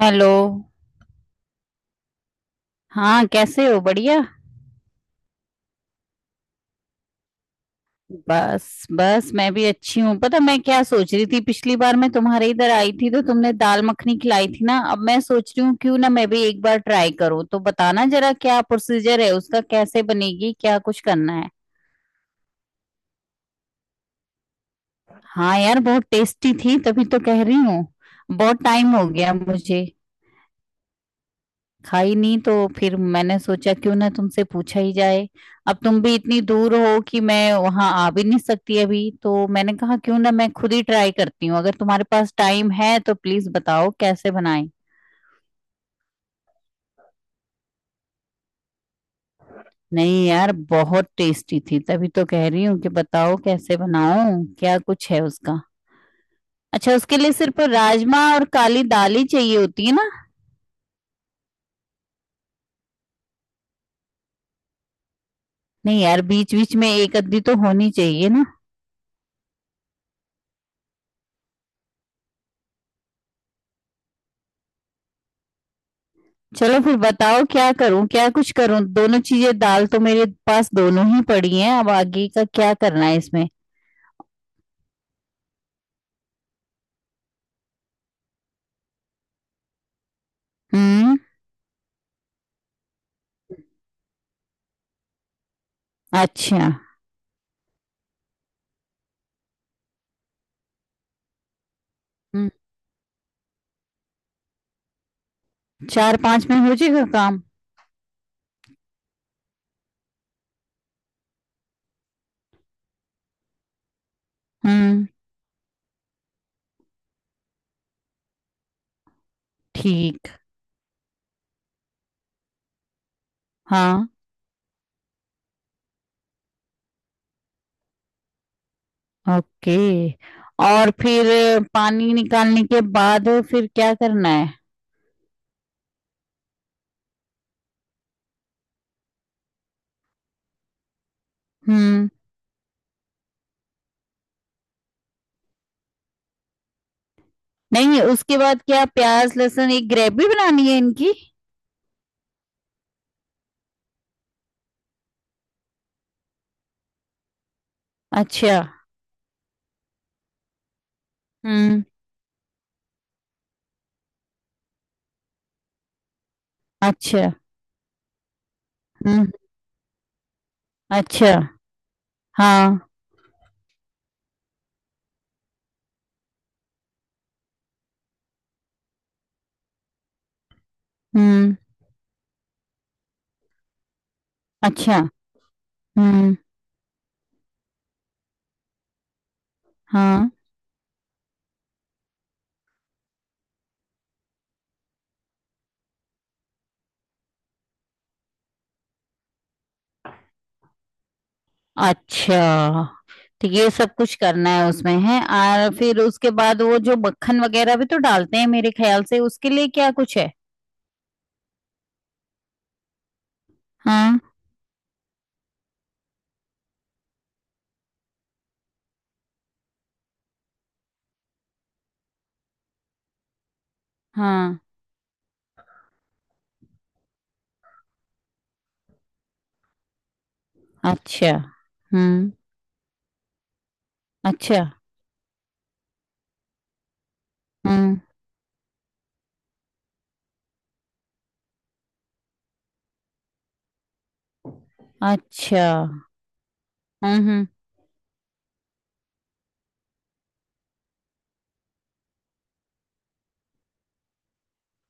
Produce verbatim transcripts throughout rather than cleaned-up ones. Hello. हाँ कैसे हो? बढ़िया। बस बस, मैं भी अच्छी हूँ। पता मैं क्या सोच रही थी, पिछली बार मैं तुम्हारे इधर आई थी तो तुमने दाल मखनी खिलाई थी ना, अब मैं सोच रही हूँ क्यों ना मैं भी एक बार ट्राई करूँ। तो बताना जरा, क्या प्रोसीजर है उसका, कैसे बनेगी, क्या कुछ करना है। हाँ यार, बहुत टेस्टी थी, तभी तो कह रही हूँ। बहुत टाइम हो गया मुझे खाई नहीं, तो फिर मैंने सोचा क्यों ना तुमसे पूछा ही जाए। अब तुम भी इतनी दूर हो कि मैं वहां आ भी नहीं सकती अभी, तो मैंने कहा क्यों ना मैं खुद ही ट्राई करती हूँ। अगर तुम्हारे पास टाइम है तो प्लीज बताओ कैसे बनाएं। नहीं यार, बहुत टेस्टी थी, तभी तो कह रही हूँ कि बताओ कैसे बनाऊं, क्या कुछ है उसका। अच्छा, उसके लिए सिर्फ राजमा और काली दाल ही चाहिए होती है ना? नहीं यार, बीच बीच में एक अद्धी तो होनी चाहिए ना। चलो फिर बताओ क्या करूं, क्या कुछ करूं। दोनों चीजें दाल तो मेरे पास दोनों ही पड़ी हैं, अब आगे का क्या करना है इसमें। हम्म। अच्छा। हम्म, चार पांच में हो जाएगा काम? हम्म। ठीक। हाँ। ओके। और फिर पानी निकालने के बाद फिर क्या करना है? हम्म। नहीं उसके बाद क्या, प्याज लहसुन एक ग्रेवी बनानी है इनकी? अच्छा। हम्म। अच्छा। हम्म। अच्छा। हाँ। हम्म। अच्छा। हम्म। हाँ। अच्छा, तो ये सब कुछ करना है उसमें है। और फिर उसके बाद वो जो मक्खन वगैरह भी तो डालते हैं मेरे ख्याल से, उसके लिए क्या कुछ है? हाँ हाँ। अच्छा। हम्म। अच्छा। हम्म। अच्छा। हम्म। हम्म,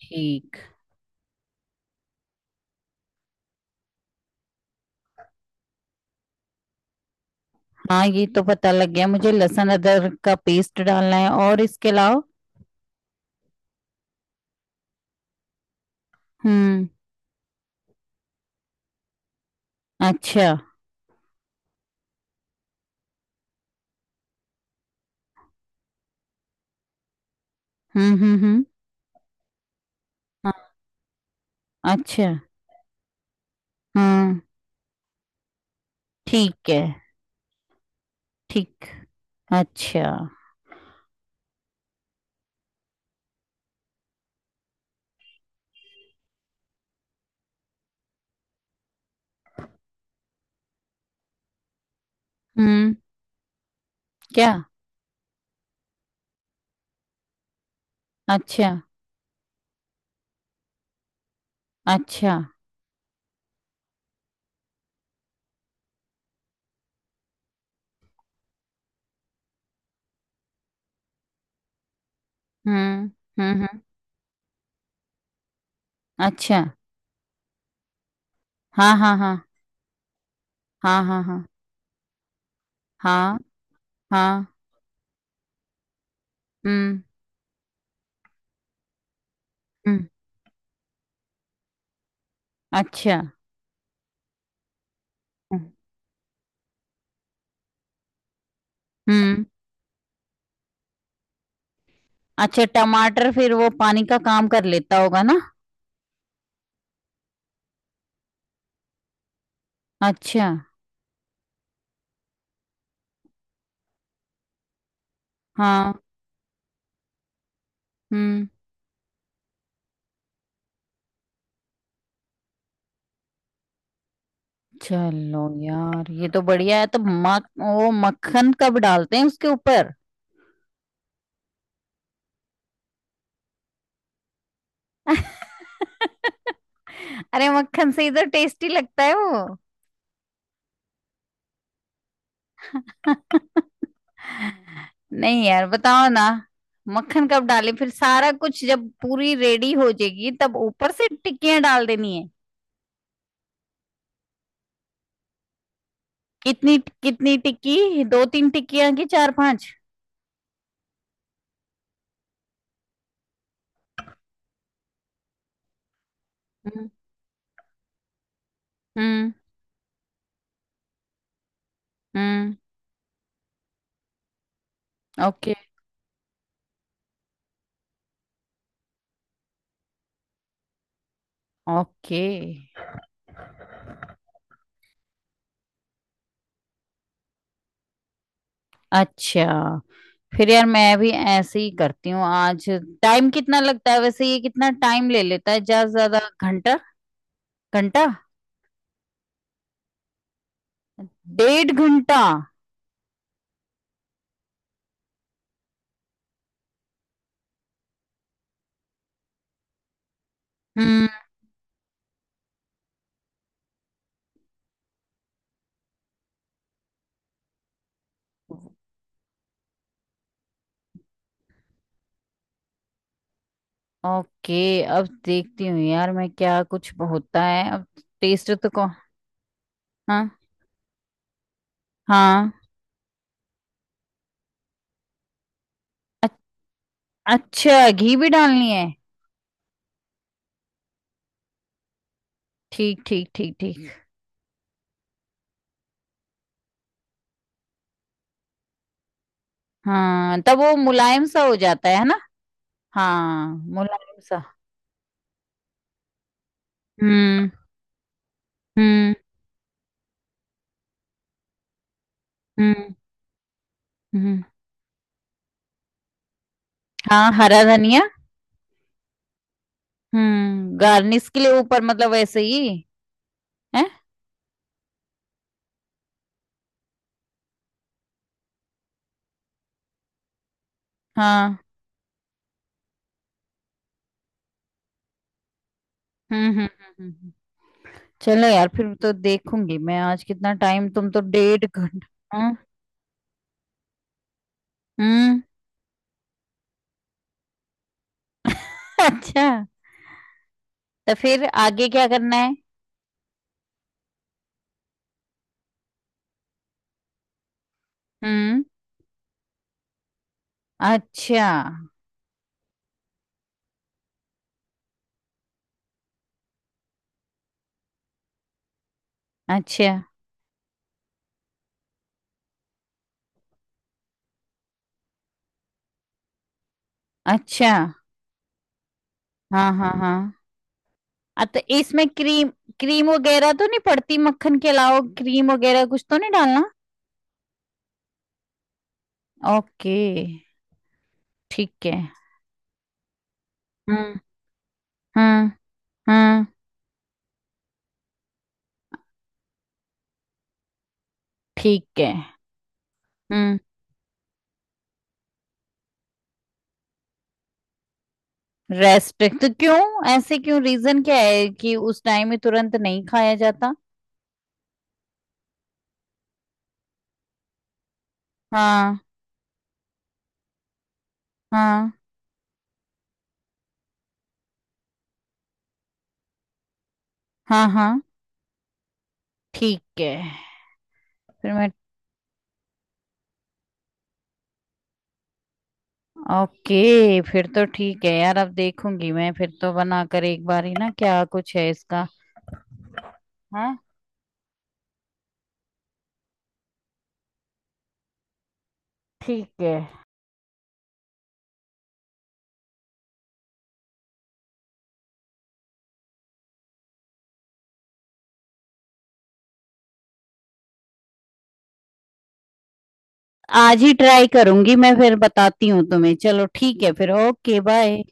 ठीक। हाँ ये तो पता लग गया मुझे लहसुन अदरक का पेस्ट डालना है, और इसके अलावा? हम्म। अच्छा। हम्म हम्म हम्म। हाँ, अच्छा। हम्म। ठीक है। ठीक। अच्छा। हम्म। क्या? अच्छा। अच्छा। हुँ। हुँ, हुँ। अच्छा। हाँ, हाँ, हाँ। हाँ, हाँ, हाँ। हाँ, हाँ। हुँ, हुँ। अच्छा। हुँ, हुँ। अच्छा, टमाटर फिर वो पानी का काम कर लेता होगा ना? अच्छा। हाँ। हुँ। चलो यार, ये तो बढ़िया है। तो मक वो मक्खन कब डालते हैं उसके ऊपर? अरे मक्खन से ही तो टेस्टी लगता है वो। नहीं यार बताओ ना, मक्खन कब डाले? फिर सारा कुछ जब पूरी रेडी हो जाएगी तब ऊपर से टिक्कियां डाल देनी है? कितनी, कितनी टिक्की, दो तीन टिक्कियां की चार पांच? हम्म हम्म हम्म, ओके। ओके। अच्छा। फिर यार मैं भी ऐसे ही करती हूँ आज। टाइम कितना लगता है वैसे, ये कितना टाइम ले लेता है, ज्यादा से ज्यादा घंटा? घंटा? डेढ़ घंटा? हम्म। ओके, अब देखती हूँ यार मैं क्या कुछ होता है अब। टेस्ट तो को हाँ, हाँ। अ- अच्छा, घी भी डालनी है? ठीक ठीक ठीक ठीक। हाँ तब वो मुलायम सा हो जाता है ना। हाँ। मुलायम सा। हम्म। हम्म। हम्म। हम्म। हाँ, हरा धनिया। हम्म, गार्निश के लिए ऊपर, मतलब वैसे ही है? हाँ। हम्म हम्म हम्म। हम्म। हम्म। चलो यार फिर तो देखूंगी मैं आज कितना टाइम, तुम तो डेढ़ घंटा। हाँ, हम्म। अच्छा, तो फिर आगे क्या करना है? हम्म। अच्छा। अच्छा। अच्छा। हाँ हाँ हाँ, आ, तो इसमें क्रीम, क्रीम वगैरह तो नहीं पड़ती? मक्खन के अलावा क्रीम वगैरह कुछ तो नहीं डालना? ओके। ठीक है। हम्म। हम्म। हम्म। ठीक है। हम्म, रेस्ट तो क्यों, ऐसे क्यों, रीजन क्या है कि उस टाइम में तुरंत नहीं खाया जाता? हाँ। हाँ हाँ। हाँ ठीक है। फिर मैं ओके फिर तो ठीक है यार, अब देखूंगी मैं फिर तो बनाकर एक बार ही ना, क्या कुछ है इसका। हाँ। ठीक है, आज ही ट्राई करूंगी मैं, फिर बताती हूँ तुम्हें। चलो ठीक है फिर, ओके, बाय।